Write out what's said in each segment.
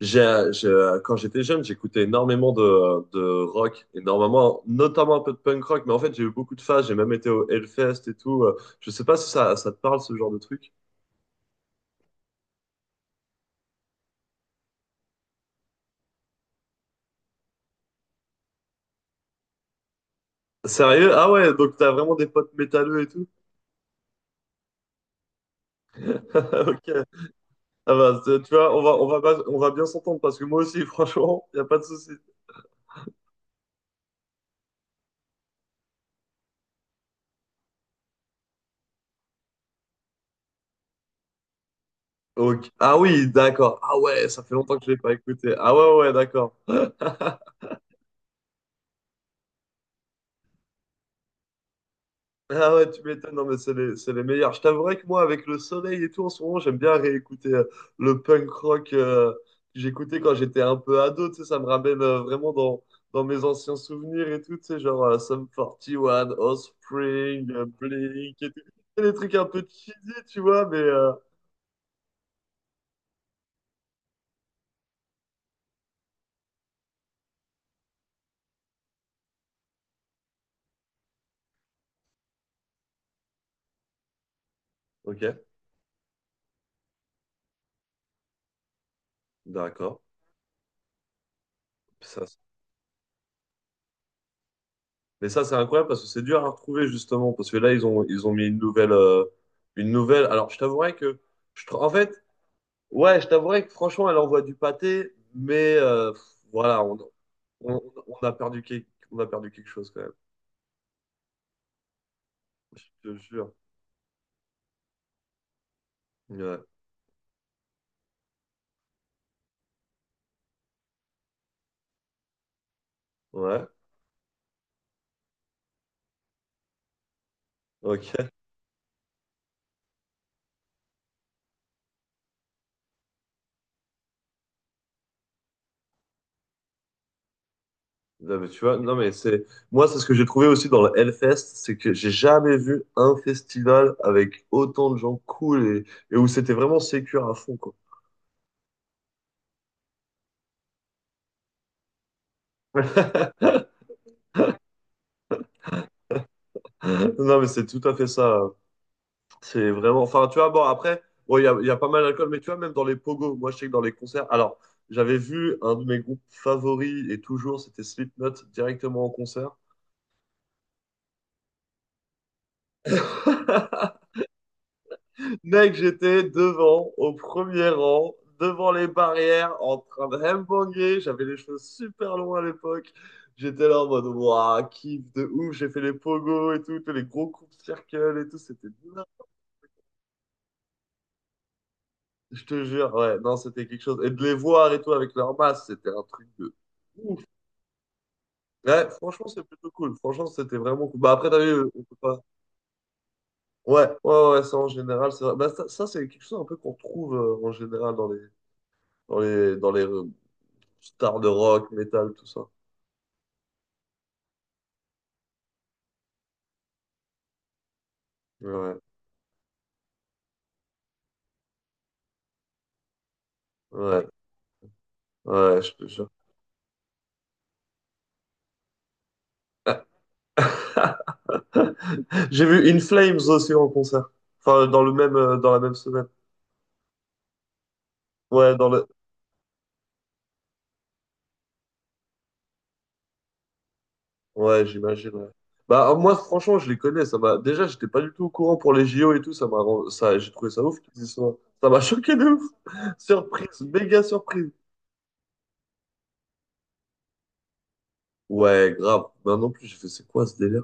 Quand j'étais jeune, j'écoutais énormément de rock, énormément, notamment un peu de punk rock, mais en fait, j'ai eu beaucoup de phases, j'ai même été au Hellfest et tout. Je sais pas si ça, ça te parle, ce genre de truc. Sérieux? Ah ouais, donc t'as vraiment des potes métalleux et tout? Ok. Ah bah, tu vois, on va pas- on va bien s'entendre parce que moi aussi, franchement, y a pas de souci. Ok. Ah oui, d'accord. Ah ouais, ça fait longtemps que je l'ai pas écouté. Ah ouais, ouais, d'accord. Ah ouais, tu m'étonnes, non mais c'est les meilleurs. Je t'avouerai que moi, avec le soleil et tout, en ce moment, j'aime bien réécouter le punk rock, que j'écoutais quand j'étais un peu ado, tu sais, ça me ramène, vraiment dans mes anciens souvenirs et tout, tu sais, genre, Sum 41, Offspring, Blink et tout. Et des trucs un peu cheesy, tu vois, mais ok, d'accord. Ça, c'est- mais ça, c'est incroyable parce que c'est dur à retrouver, justement, parce que là, ils ont mis une nouvelle, une nouvelle. Alors, je t'avouerai que en fait, ouais, je t'avouerais que franchement, elle envoie du pâté, mais pff, voilà, on, on a perdu quelque chose quand même. Je te jure. Ouais, ouais, ok. Non, mais tu vois, non mais c'est, moi c'est ce que j'ai trouvé aussi dans le Hellfest, c'est que j'ai jamais vu un festival avec autant de gens cool et où c'était vraiment sécure à fond quoi. Non mais c'est tout à fait ça. C'est vraiment. Enfin, tu vois, bon, après, bon, il y a pas mal d'alcool, mais tu vois, même dans les pogos, moi, je sais que dans les concerts. Alors, j'avais vu un de mes groupes favoris, et toujours, c'était Slipknot, directement en concert. Mec, j'étais devant, au premier rang, devant les barrières, en train de headbanger. J'avais les cheveux super longs à l'époque. J'étais là en mode, waouh, kiff de ouf, j'ai fait les pogos et tout, tous les gros coups de circle et tout, c'était dingue. Je te jure, ouais, non, c'était quelque chose. Et de les voir et tout avec leur masse, c'était un truc de ouf. Ouais, franchement, c'est plutôt cool. Franchement, c'était vraiment cool. Bah, après, t'as vu, on peut pas. Ouais, ouais, ouais, ouais, ça en général, c'est vrai. Bah, ça, c'est quelque chose un peu qu'on retrouve, en général dans les stars de rock, métal, tout ça. Ouais, ouais, ouais, je te jure. J'ai vu In Flames aussi en concert. Enfin, dans la même semaine. Ouais, ouais, j'imagine, ouais. Bah, moi, franchement, je les connais. Déjà, j'étais pas du tout au courant pour les JO et tout. Ça, j'ai trouvé ça ouf qu'ils y soient. Ça m'a choqué de ouf. Surprise, méga surprise. Ouais, grave. Ben non plus, j'ai fait, c'est quoi ce délire?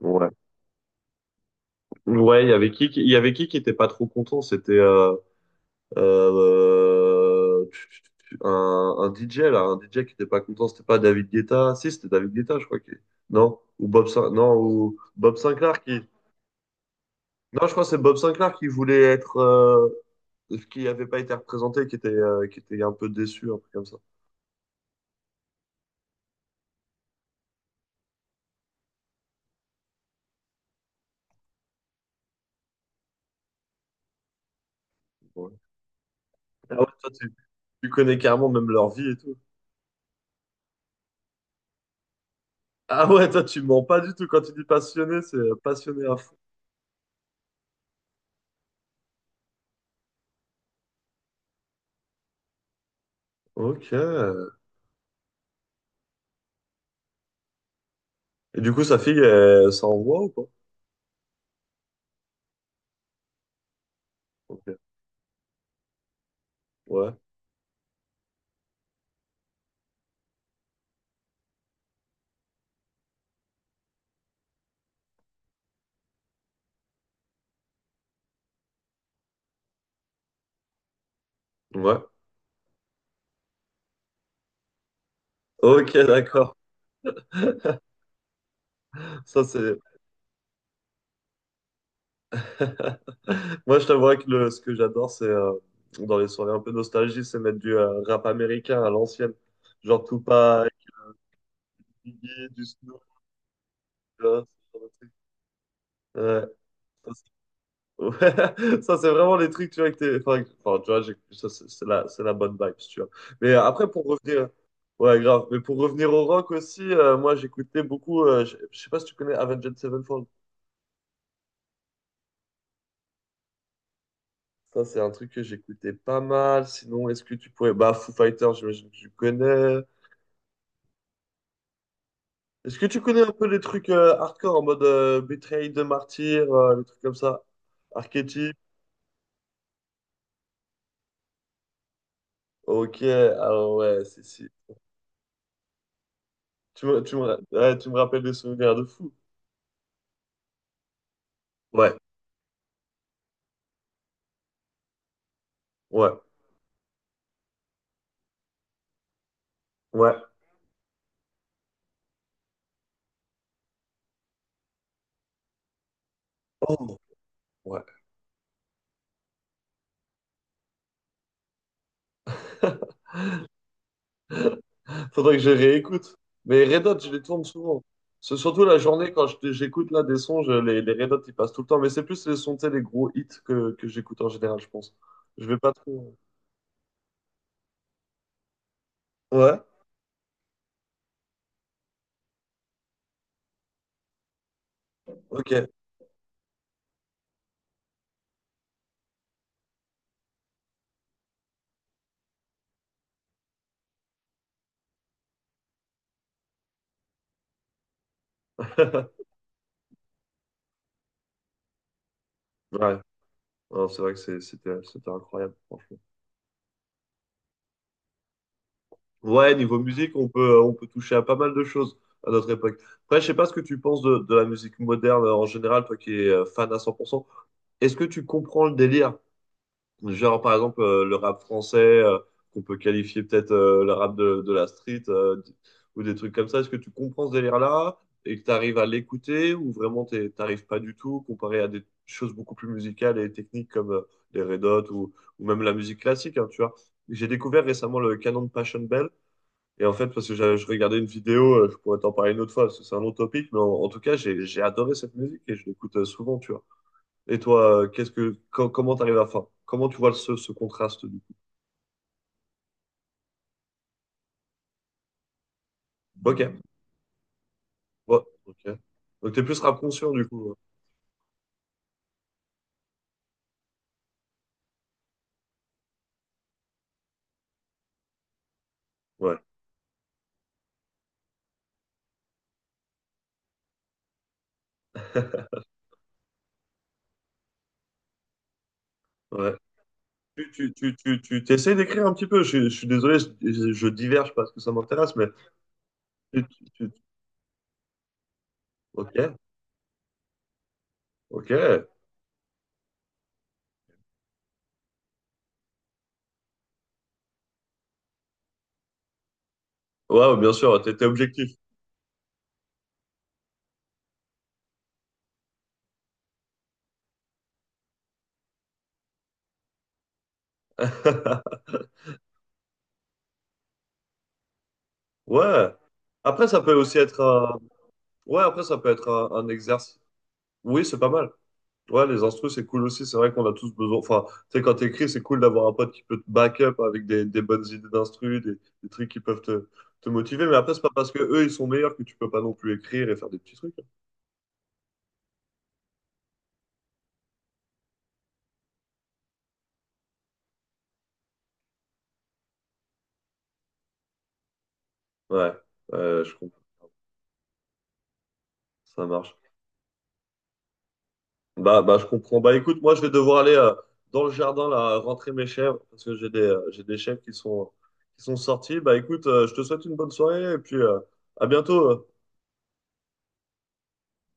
Ouais. Ouais, il y avait qui, il y avait qui était pas trop content? C'était euh, tu- tu- un DJ, là. Un DJ qui était pas content. C'était pas David Guetta. Si, c'était David Guetta, je crois. Qui... Non? Ou Bob Sinclair. Non, ou Bob Sinclair qui... Non, je crois que c'est Bob Sinclair qui voulait être, ce qui n'avait pas été représenté, qui était un peu déçu, un truc comme ça. Ouais. Ah ouais, toi, tu connais carrément même leur vie et tout. Ah ouais, toi, tu mens pas du tout. Quand tu dis passionné, c'est passionné à fond. Ok. Et du coup, sa fille, elle s'envoie ou pas? Ok. Ouais. Ouais. Ok, d'accord. Ça, c'est. Moi, je t'avouerais que ce que j'adore, c'est, dans les soirées un peu nostalgie, c'est mettre du rap américain à l'ancienne. Genre Tupac, Biggie, du Snoop, tu vois, ce genre de truc. Ouais. Ouais, ça, c'est vraiment les trucs, tu vois, que t'es, enfin, enfin, tu vois, ça, c'est la bonne vibe, si tu vois, mais après pour revenir, ouais, grave, mais pour revenir au rock aussi, moi j'écoutais beaucoup, je sais pas si tu connais Avenged Sevenfold. Ça, c'est un truc que j'écoutais pas mal. Sinon est-ce que tu pourrais, bah, Foo Fighters j'imagine que tu connais. Est-ce que tu connais un peu les trucs hardcore, en mode Betrayed de Martyr, les trucs comme ça, archétype. Ok, alors ouais, si si, ouais, tu me rappelles des souvenirs de fou. Ouais, ouais, ouais, oh, ouais. Faudrait que je réécoute. Mais Red Hot, je les tourne souvent. C'est surtout la journée quand j'écoute là des sons, les Red Hot, ils passent tout le temps. Mais c'est plus les sons, tu sais, les gros hits que j'écoute en général, je pense. Je vais pas trop. Ouais, ok. Ouais, non, c'est vrai que c'était incroyable, franchement. Ouais, niveau musique, on peut toucher à pas mal de choses à notre époque. Après, je sais pas ce que tu penses de la musique moderne en général, toi qui es fan à 100%. Est-ce que tu comprends le délire? Genre, par exemple, le rap français, qu'on peut qualifier peut-être, le rap de la street, ou des trucs comme ça. Est-ce que tu comprends ce délire-là et que tu arrives à l'écouter, ou vraiment t'arrives pas du tout, comparé à des choses beaucoup plus musicales et techniques comme les Red Hot, ou même la musique classique, hein, tu vois. J'ai découvert récemment le canon de Passion Bell, et en fait, parce que je regardais une vidéo, je pourrais t'en parler une autre fois, parce que c'est un autre topic, mais en tout cas, j'ai adoré cette musique et je l'écoute souvent, tu vois. Et toi, comment t'arrives à la fin? Comment tu vois ce contraste du coup? Ok. Ouais, ok. Donc t'es plus rap conscient du coup. Ouais, ouais, ouais. Tu t'essayes d'écrire un petit peu. Je suis désolé, je diverge parce que ça m'intéresse, mais tu- tu- tu- ok, ok. Ouais, bien sûr, t'étais objectif. Ouais. Après, ça peut aussi être un. Ouais, après, ça peut être un exercice. Oui, c'est pas mal. Ouais, les instrus, c'est cool aussi. C'est vrai qu'on a tous besoin. Enfin, tu sais, quand t'écris, c'est cool d'avoir un pote qui peut te back up avec des bonnes idées d'instrus, des trucs qui peuvent te motiver. Mais après, c'est pas parce que eux, ils sont meilleurs que tu peux pas non plus écrire et faire des petits trucs. Ouais, ouais, je comprends. Ça marche. Bah, bah, je comprends. Bah, écoute, moi, je vais devoir aller dans le jardin, là, rentrer mes chèvres parce que j'ai des chèvres qui sont sorties. Bah, écoute, je te souhaite une bonne soirée et puis à bientôt.